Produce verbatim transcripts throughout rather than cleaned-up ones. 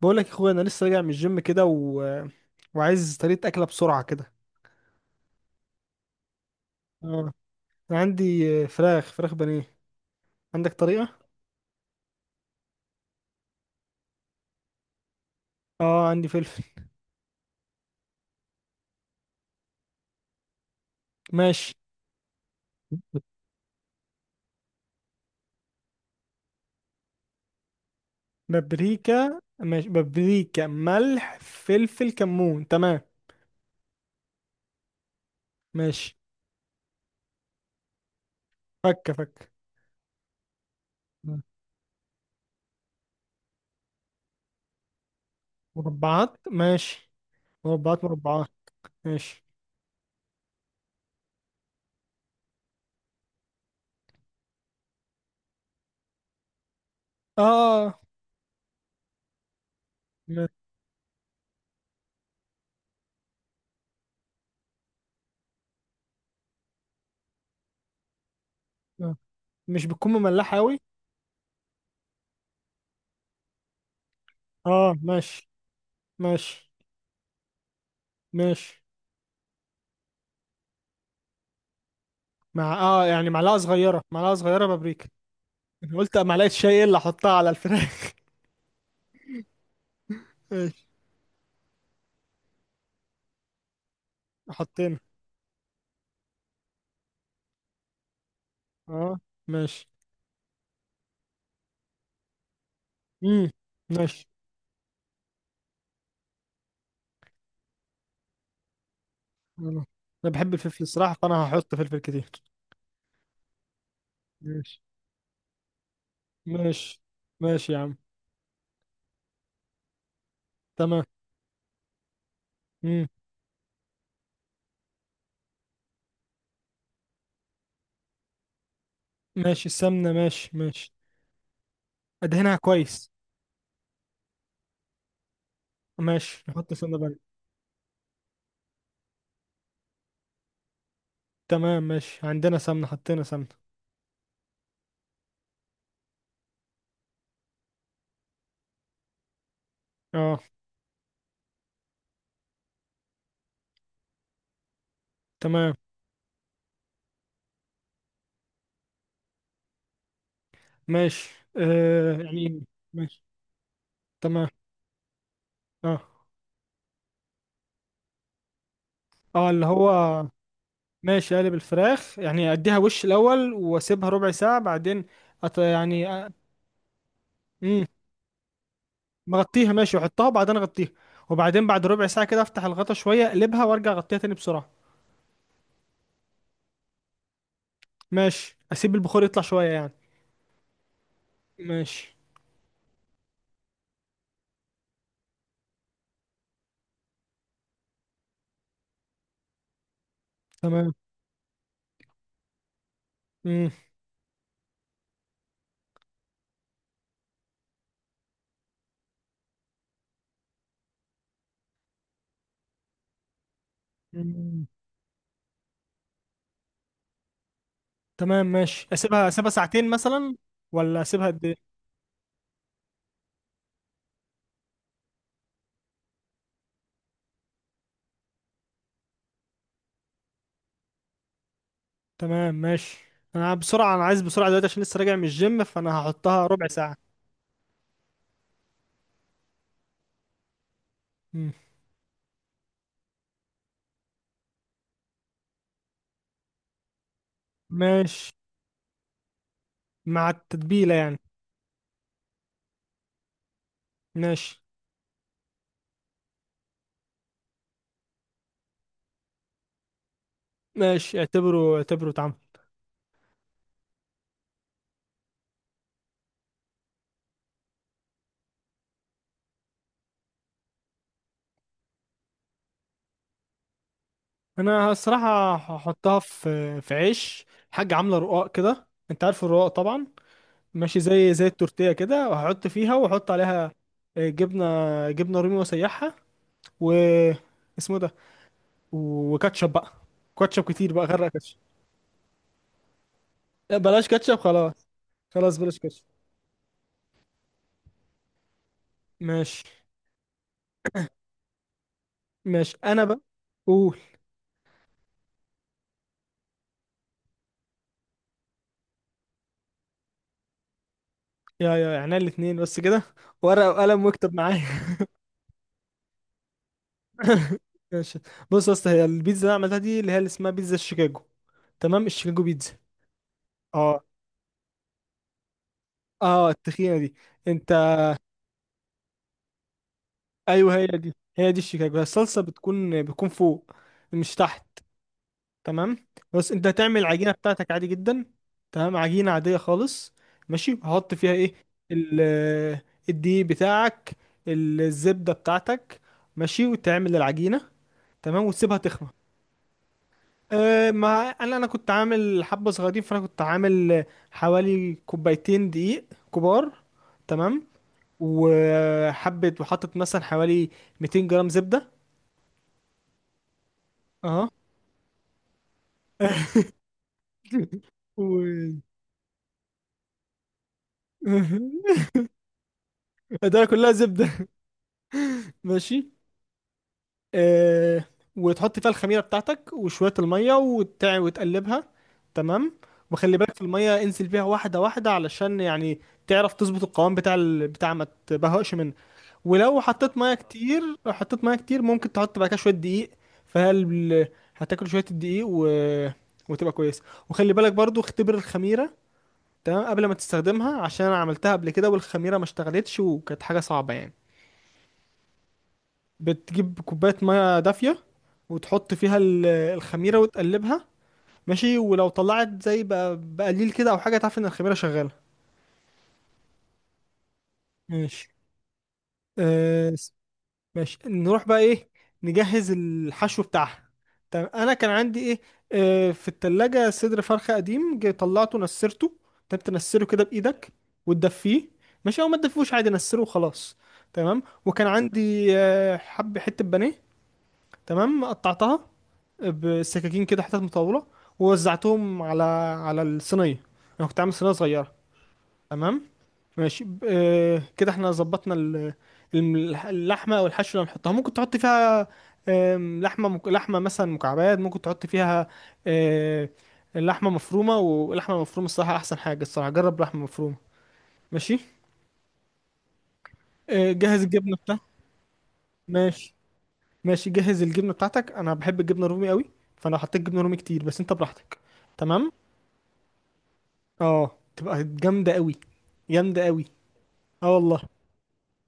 بقول لك يا اخويا، انا لسه راجع من الجيم كده و... وعايز طريقه اكله بسرعه كده. اه، عندي فراخ فراخ بانيه. عندك طريقه؟ اه، عندي فلفل. ماشي، بابريكا. ماشي بابريكا، ملح، فلفل، كمون، تمام. ماشي. فك فك. مم. مربعات ماشي. مربعات مربعات. ماشي. اه. آه. م- آه. مش بتكون مملحه قوي؟ اه، ماشي. ماشي. ماشي مع اه يعني معلقه صغيره، معلقه صغيره بابريكا. انا قلت معلقه شاي اللي احطها على الفراخ. ماشي. حطينا. اه، ماشي. امم ماشي. انا أنا بحب الفلفل الصراحه، فانا هحط فلفل كتير. ماشي. ماشي. ماشي يا عم. تمام. امم ماشي السمنه. ماشي، ماشي، ادهنها كويس. ماشي، نحط سمنه بلدي. تمام ماشي، عندنا سمنه، حطينا سمنه. اه، تمام ماشي. آه يعني. ماشي. تمام. اه، اه، اللي هو. ماشي، اقلب الفراخ يعني اديها وش الاول واسيبها ربع ساعه بعدين. أط... يعني امم مغطيها ماشي، واحطها وبعدين اغطيها. وبعدين بعد ربع ساعه كده افتح الغطا شويه، اقلبها وارجع اغطيها تاني بسرعه. ماشي، اسيب البخار يطلع شويه يعني. ماشي. تمام. امم أمم. تمام ماشي، اسيبها اسيبها ساعتين مثلا، ولا اسيبها قد ايه؟ تمام ماشي. انا بسرعه، انا عايز بسرعه دلوقتي عشان لسه راجع من الجيم، فانا هحطها ربع ساعه. امم ماشي. مع التتبيله يعني؟ ماشي، ماشي، اعتبره اعتبره اتعمل. انا الصراحه هحطها في في عيش. حاجه عامله رقاق كده، انت عارف الرقاق طبعا. ماشي، زي زي التورتيه كده، وهحط فيها واحط عليها آه، جبنه. جبنه رومي واسيحها و اسمه ده. و- وكاتشب بقى. كاتشب كتير بقى، غرق كاتشب. لا، بلاش كاتشب خلاص. خلاص بلاش كاتشب. ماشي. ماشي، انا بقى. قول. يا يا يعني الاتنين بس كده؟ ورقه وقلم واكتب معايا. ماشي. بص يا اسطى، هي البيتزا اللي أنا عملتها دي اللي هي اللي اسمها بيتزا شيكاجو. تمام، الشيكاجو بيتزا. اه. اه، التخينه دي. انت، ايوه، هي دي، هي دي الشيكاجو. هي الصلصه بتكون بتكون فوق، مش تحت. تمام. بس انت هتعمل العجينه بتاعتك عادي جدا. تمام، عجينه عاديه خالص. ماشي. هحط فيها ايه؟ ال الدقيق بتاعك، الزبده بتاعتك. ماشي، وتعمل العجينه. تمام، وتسيبها تخمر. أه. ما انا انا كنت عامل حبه صغيرين، فانا كنت عامل حوالي كوبايتين دقيق كبار. تمام. وحبه، وحطت مثلا حوالي مئتين جرام زبده. اه. و... ده كلها زبده. ماشي. أه، وتحط فيها الخميره بتاعتك وشويه الميه وتع... وتقلبها تمام. وخلي بالك في الميه، انزل بيها واحده واحده علشان يعني تعرف تظبط القوام بتاع ال... بتاع ما تبهقش منه. ولو حطيت ميه كتير، لو حطيت ميه كتير ممكن تحط بعد كده شويه دقيق. فهل هتاكل شويه الدقيق و... وتبقى كويس. وخلي بالك برضو، اختبر الخميره تمام قبل ما تستخدمها، عشان انا عملتها قبل كده والخميره ما اشتغلتش وكانت حاجه صعبه يعني. بتجيب كوبايه ميه دافيه وتحط فيها ال- الخميره وتقلبها. ماشي، ولو طلعت زي بقى بقليل كده او حاجه تعرف ان الخميره شغاله. ماشي. أه. ماشي، نروح بقى ايه؟ نجهز الحشو بتاعها. طب انا كان عندي ايه؟ آه، في التلاجة صدر فرخة قديم، جه طلعته نسرته. انت تنسره كده بايدك وتدفيه. ماشي، او ما تدفوش عادي، نسره وخلاص. تمام. وكان عندي آه حب حتة بانيه. تمام، قطعتها بالسكاكين كده، حتت مطولة، ووزعتهم على على الصينية. انا كنت عامل صينية صغيرة. تمام. ماشي، ب- آه، كده احنا ظبطنا ال- الم- اللحمه او الحشو اللي هنحطها. ممكن تحط فيها آم، لحمه مك- لحمه مثلا مكعبات. ممكن تحط فيها آه، لحمه مفرومه. ولحمه مفرومه الصراحه احسن حاجه، الصراحه جرب لحمه مفرومه. ماشي. آه، جهز الجبنه بتاعتك. ماشي. ماشي، جهز الجبنه بتاعتك. انا بحب الجبنه الرومي قوي، فانا حطيت جبنه رومي كتير، بس انت براحتك. تمام. اه، تبقى جامده قوي. جامده قوي. اه والله.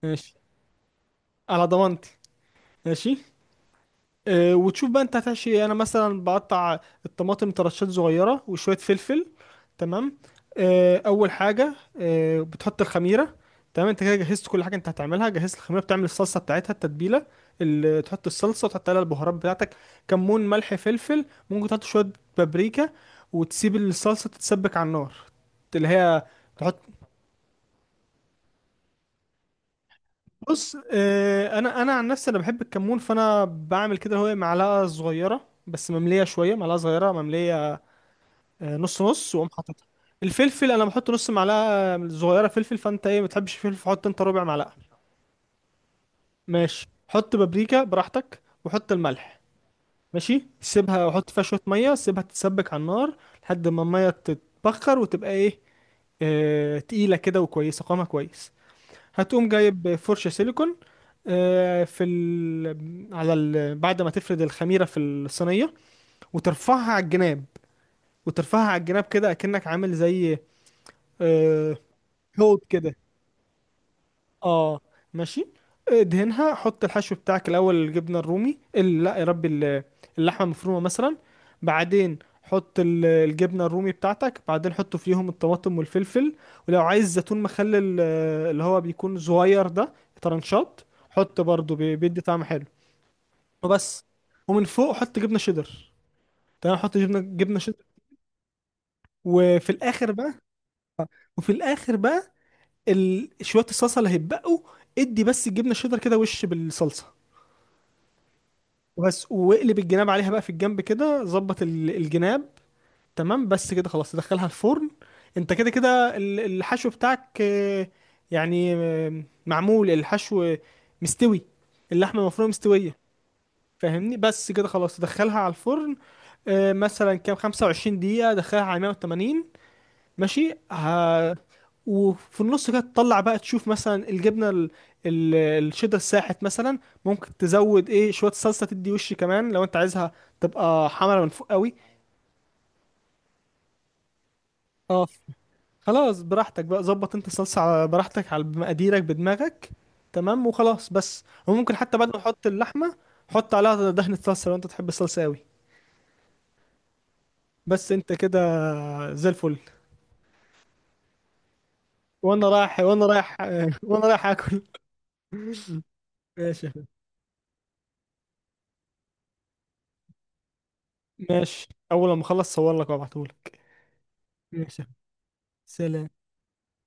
ماشي، على ضمانتي. ماشي. آه، وتشوف بقى انت هتحشي ايه. انا مثلا بقطع الطماطم ترشات صغيره وشويه فلفل. تمام. آه، اول حاجه، آه، بتحط الخميره. تمام، انت كده جهزت كل حاجه انت هتعملها، جهزت الخميره، بتعمل الصلصه بتاعتها التتبيله اللي تحط الصلصه، وتحط عليها البهارات بتاعتك: كمون، ملح، فلفل. ممكن تحط شويه بابريكا، وتسيب الصلصه تتسبك على النار اللي هي تحط. بص، آه، انا انا عن نفسي انا بحب الكمون، فانا بعمل كده: هو معلقه صغيره بس ممليه شويه، معلقه صغيره ممليه آه، نص نص، واقوم حاططها. الفلفل انا بحط نص معلقه آه، صغيره فلفل. فانت ايه؟ ما بتحبش الفلفل، فحط انت ربع معلقه. ماشي، حط بابريكا براحتك وحط الملح. ماشي، سيبها وحط فيها شويه ميه، سيبها تتسبك على النار لحد ما الميه تتبخر وتبقى ايه، آه، تقيله كده وكويسه، قوامها كويس. هتقوم جايب فرشة سيليكون. آه، في ال... على ال... بعد ما تفرد الخميرة في الصينية وترفعها على الجناب. وترفعها على الجناب كده، أكنك عامل زي آه، حوض كده. اه. ماشي، ادهنها، حط الحشو بتاعك الاول: الجبنه الرومي، ال- لا يا ربي، ال- اللحمه المفرومه مثلا. بعدين حط ال- الجبنه الرومي بتاعتك. بعدين حط فيهم الطماطم والفلفل. ولو عايز زيتون مخلل، آه، اللي هو بيكون صغير ده، طرنشات، حط برضو، بي- بيدي طعم حلو. وبس. ومن فوق حط جبنه شيدر. تمام، حط جبنه جبنه شيدر. وفي الاخر بقى، وفي الاخر بقى ال- شويه الصلصه اللي هيتبقوا، ادي بس الجبنه الشيدر كده وش بالصلصه. وبس. واقلب الجناب عليها بقى في الجنب كده، ظبط ال- الجناب تمام، بس كده خلاص تدخلها الفرن. انت كده كده ال- الحشو بتاعك، آه، يعني آه، معمول الحشو مستوي. اللحمة المفرومة مستوية. فاهمني؟ بس كده خلاص تدخلها على الفرن. آه، مثلا كام خمسة وعشرين دقيقة، دخلها على مية وتمانين. ماشي. ها... وفي النص كده تطلع بقى تشوف مثلا الجبنه ال... ال... الشيدر ساحت مثلا. ممكن تزود ايه شويه صلصه، تدي وش كمان لو انت عايزها تبقى حمرا من فوق قوي. اه خلاص، براحتك بقى، ظبط انت الصلصه على براحتك، على مقاديرك، بدماغك. تمام. وخلاص بس، وممكن حتى بعد ما تحط اللحمه حط عليها دهنه صلصه لو انت تحب الصلصه قوي. بس انت كده زي الفل. وانا رايح، وانا رايح وانا رايح اكل. ماشي. ماشي، اول ما اخلص صور لك وابعتهولك. ماشي. سلام.